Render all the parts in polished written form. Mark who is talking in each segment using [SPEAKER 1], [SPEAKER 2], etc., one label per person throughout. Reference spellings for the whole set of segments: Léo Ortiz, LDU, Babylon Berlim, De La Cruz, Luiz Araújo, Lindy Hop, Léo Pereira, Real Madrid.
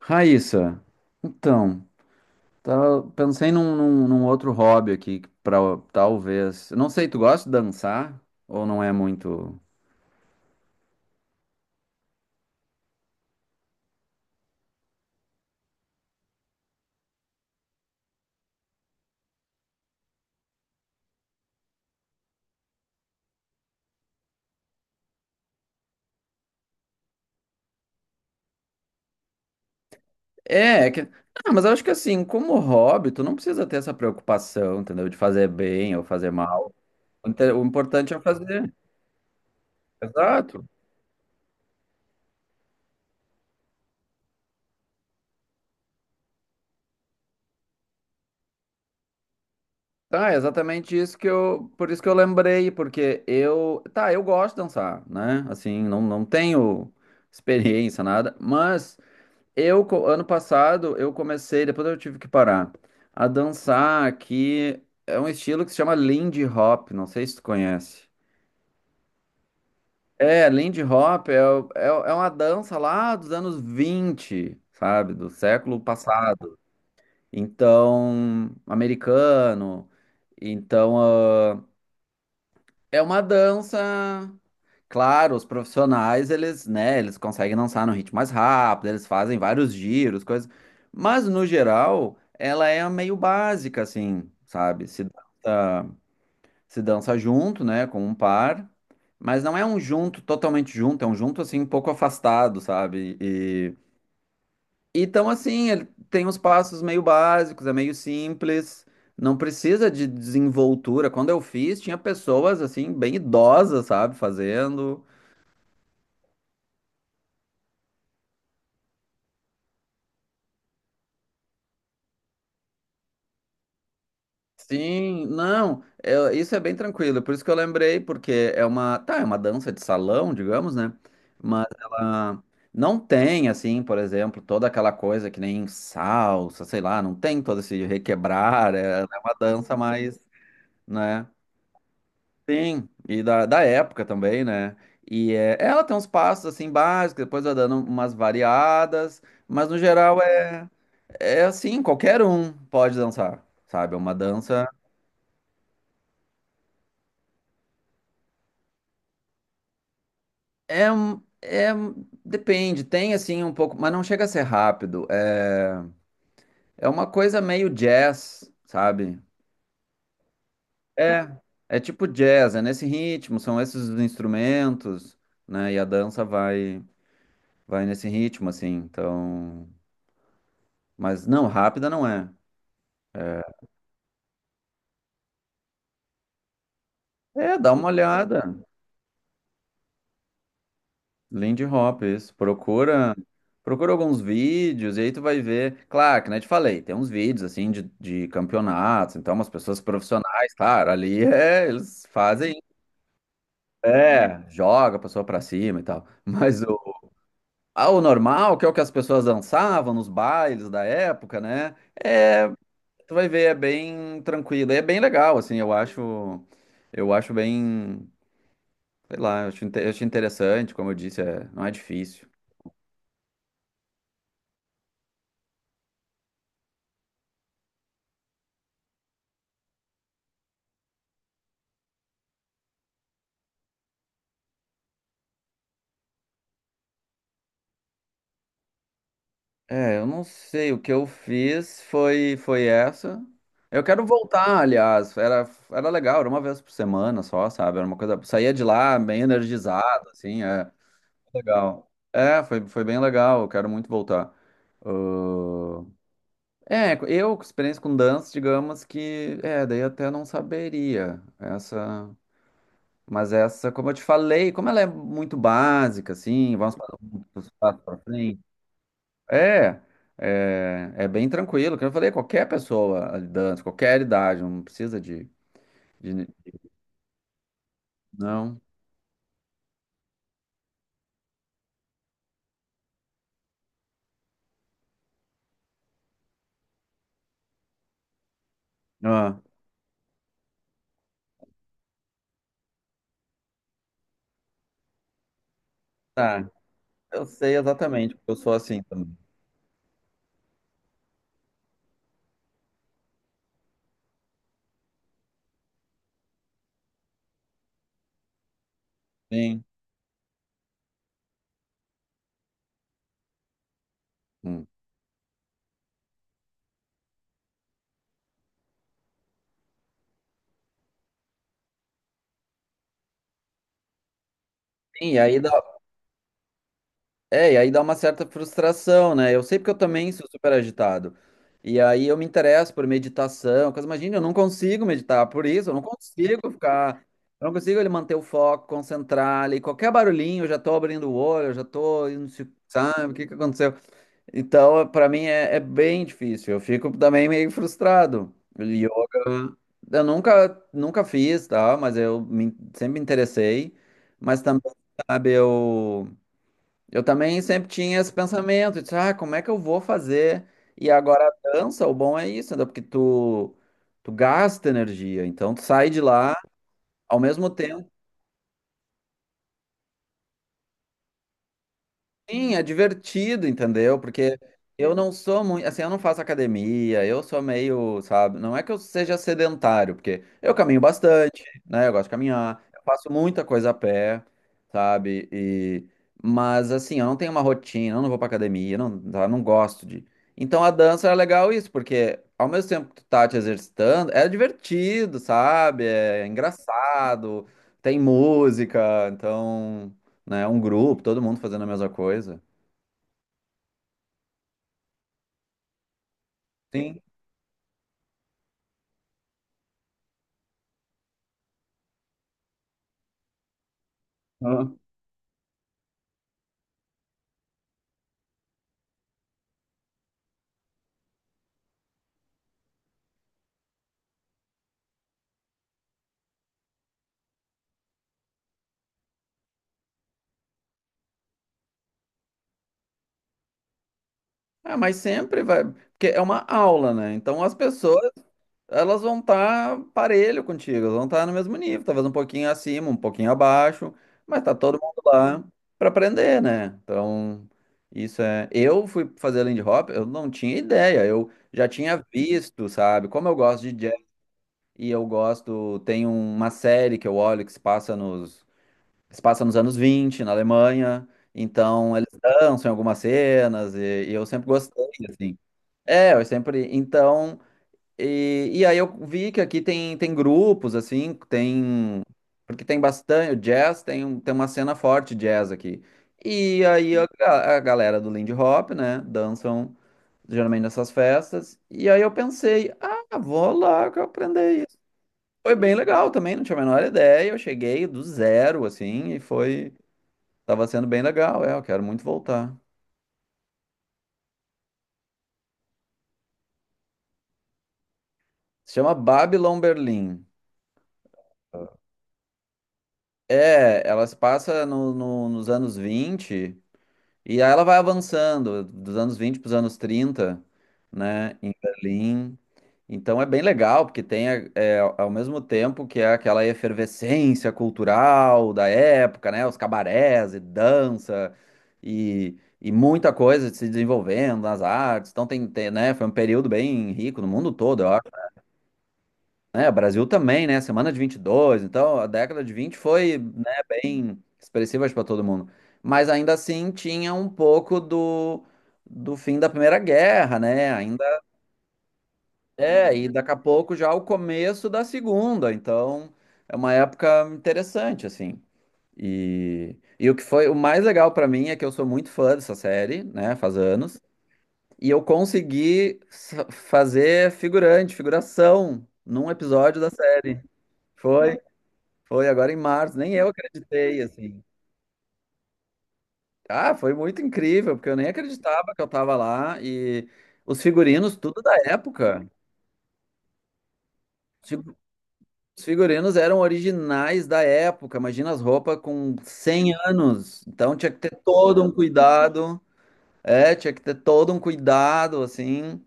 [SPEAKER 1] Raíssa, então, pensei num outro hobby aqui, pra, talvez. Não sei, tu gosta de dançar? Ou não é muito. É que. Ah, mas eu acho que assim, como hobby, tu não precisa ter essa preocupação, entendeu? De fazer bem ou fazer mal. O importante é fazer. Exato. Tá, é exatamente isso que eu. Por isso que eu lembrei, porque eu. Tá, eu gosto de dançar, né? Assim, não tenho experiência, nada, mas. Eu, ano passado, eu comecei, depois eu tive que parar, a dançar aqui. É um estilo que se chama Lindy Hop, não sei se tu conhece. É, Lindy Hop é uma dança lá dos anos 20, sabe? Do século passado. Então, americano. Então, é uma dança. Claro, os profissionais, eles, né, eles conseguem dançar num ritmo mais rápido, eles fazem vários giros, coisas. Mas, no geral, ela é meio básica, assim, sabe? Se dança junto, né, com um par, mas não é um junto totalmente junto, é um junto, assim, um pouco afastado, sabe? E então, assim, ele tem uns passos meio básicos, é meio simples, não precisa de desenvoltura. Quando eu fiz, tinha pessoas, assim, bem idosas, sabe, fazendo. Sim, não, é, isso é bem tranquilo, por isso que eu lembrei, porque é uma, tá, é uma dança de salão, digamos, né? Mas ela não tem, assim, por exemplo, toda aquela coisa que nem salsa, sei lá, não tem todo esse requebrar, é uma dança mais, né? Sim, e da época também, né? E é, ela tem uns passos, assim, básicos, depois vai dando umas variadas, mas no geral é assim, qualquer um pode dançar, sabe? É uma dança. É, um- é, um- Depende, tem assim um pouco, mas não chega a ser rápido. É uma coisa meio jazz, sabe? É, é tipo jazz, é nesse ritmo, são esses os instrumentos, né? E a dança vai nesse ritmo, assim. Então, mas não, rápida não é. É, dá uma olhada. Lindy Hop, isso. Procura alguns vídeos e aí tu vai ver. Claro, que nem eu te falei, tem uns vídeos assim de campeonatos, então umas pessoas profissionais, claro, ali é, eles fazem, é, joga a pessoa pra cima e tal. Mas o normal, que é o que as pessoas dançavam nos bailes da época, né? É, tu vai ver, é bem tranquilo, e é bem legal, assim, eu acho, bem, sei lá, eu acho, eu acho interessante, como eu disse, é, não é difícil. É, eu não sei. O que eu fiz foi essa. Eu quero voltar, aliás. Era legal, era uma vez por semana só, sabe? Era uma coisa. Saía de lá bem energizado, assim, é legal. É, foi bem legal. Eu quero muito voltar. Ahn, É, eu, com experiência com dança, digamos que. É, daí até não saberia. Essa. Mas essa, como eu te falei, como ela é muito básica, assim, vamos para um passo para frente. É, é bem tranquilo. Como eu falei, qualquer pessoa dança, qualquer idade, não precisa de, de- não. Ah, tá. Eu sei exatamente, porque eu sou assim também. Sim. Hum. Sim, e aí dá uma certa frustração, né? Eu sei porque eu também sou super agitado. E aí eu me interesso por meditação, coisa, imagina, eu não consigo meditar, por isso eu não consigo ficar, eu não consigo ele manter o foco, concentrar ali, qualquer barulhinho, eu já tô abrindo o olho, eu já tô, indo se- sabe, o que que aconteceu? Então, para mim é bem difícil. Eu fico também meio frustrado. Yoga, eu nunca fiz, tá? Mas eu sempre me interessei. Mas também, sabe, eu também sempre tinha esse pensamento de, como é que eu vou fazer? E agora a dança, o bom é isso, né? Porque tu gasta energia. Então, tu sai de lá, ao mesmo tempo. Sim, é divertido, entendeu? Porque eu não sou muito, assim, eu não faço academia, eu sou meio, sabe? Não é que eu seja sedentário, porque eu caminho bastante, né? Eu gosto de caminhar, eu faço muita coisa a pé, sabe? E mas assim, eu não tenho uma rotina, eu não vou pra academia, eu não, sabe? Eu não gosto de. Então a dança é legal isso, porque ao mesmo tempo que tu tá te exercitando, é divertido, sabe? É engraçado, tem música, então né? Um grupo, todo mundo fazendo a mesma coisa. Sim. Aham. Ah, mas sempre vai, porque é uma aula, né? Então as pessoas, elas vão estar parelho contigo, elas vão estar no mesmo nível, talvez um pouquinho acima, um pouquinho abaixo, mas tá todo mundo lá para aprender, né? Então, isso é, eu fui fazer Lindy Hop, eu não tinha ideia, eu já tinha visto, sabe? Como eu gosto de jazz e eu gosto, tem uma série que eu olho que se passa nos anos 20, na Alemanha, então eles dançam em algumas cenas, e eu sempre gostei, assim. É, eu sempre. Então, e aí eu vi que aqui tem, grupos, assim, tem. Porque tem bastante. O jazz tem uma cena forte de jazz aqui. E aí a galera do Lindy Hop, né, dançam geralmente nessas festas. E aí eu pensei, ah, vou lá que eu aprender isso. Foi bem legal também, não tinha a menor ideia. Eu cheguei do zero, assim, e foi. Tava sendo bem legal, é, eu quero muito voltar. Se chama Babylon Berlim. É, ela se passa nos anos 20 e aí ela vai avançando dos anos 20 para os anos 30, né, em Berlim. Então é bem legal, porque tem ao mesmo tempo que é aquela efervescência cultural da época, né, os cabarés e dança e muita coisa se desenvolvendo nas artes. Então tem, né, foi um período bem rico no mundo todo, eu né, o Brasil também, né? Semana de 22, então a década de 20 foi, né, bem expressiva para todo mundo. Mas ainda assim tinha um pouco do fim da Primeira Guerra, né? Ainda é, e daqui a pouco já o começo da Segunda, então é uma época interessante, assim. E o que foi o mais legal para mim é que eu sou muito fã dessa série, né? Faz anos. E eu consegui fazer figurante, figuração, num episódio da série. Foi Foi agora em março, nem eu acreditei, assim. Ah, foi muito incrível, porque eu nem acreditava que eu tava lá. E os figurinos, tudo da época. Os figu- os figurinos eram originais da época. Imagina as roupas com 100 anos. Então tinha que ter todo um cuidado. É, tinha que ter todo um cuidado, assim.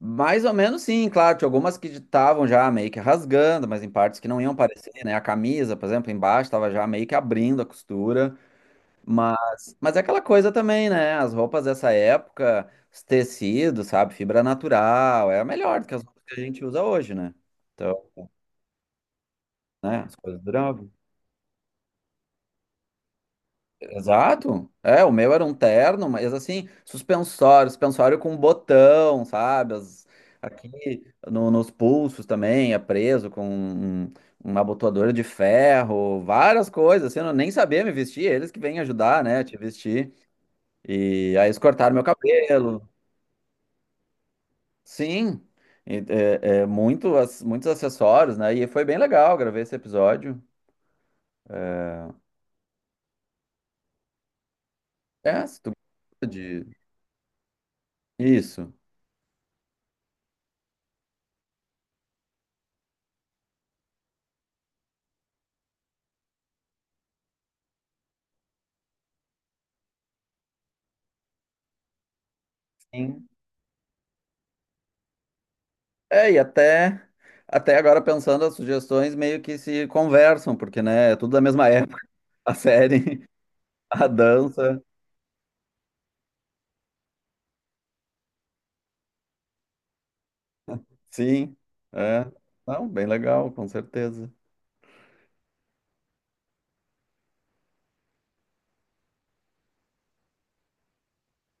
[SPEAKER 1] Mais ou menos sim, claro. Tinha algumas que estavam já meio que rasgando, mas em partes que não iam parecer, né? A camisa, por exemplo, embaixo estava já meio que abrindo a costura. Mas é aquela coisa também, né? As roupas dessa época, os tecidos, sabe? Fibra natural, é melhor do que as roupas que a gente usa hoje, né? Então, né? As coisas duravam. Exato. É, o meu era um terno, mas assim, suspensório, suspensório com botão, sabe? Aqui nos pulsos também, é preso com uma abotoadora de ferro, várias coisas, assim, eu nem sabia me vestir, eles que vêm ajudar, né? A te vestir. E aí eles cortaram meu cabelo. Sim, é muito, muitos acessórios, né? E foi bem legal, gravei esse episódio. É, se tu gosta de... Isso. Sim. É, e até agora pensando, as sugestões meio que se conversam, porque, né, é tudo da mesma época, a série, a dança, sim. É. Não, bem legal, com certeza.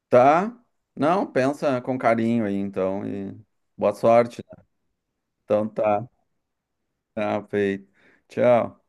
[SPEAKER 1] Tá? Não, pensa com carinho aí, então, e boa sorte, né. Então tá, tá feito. Tchau.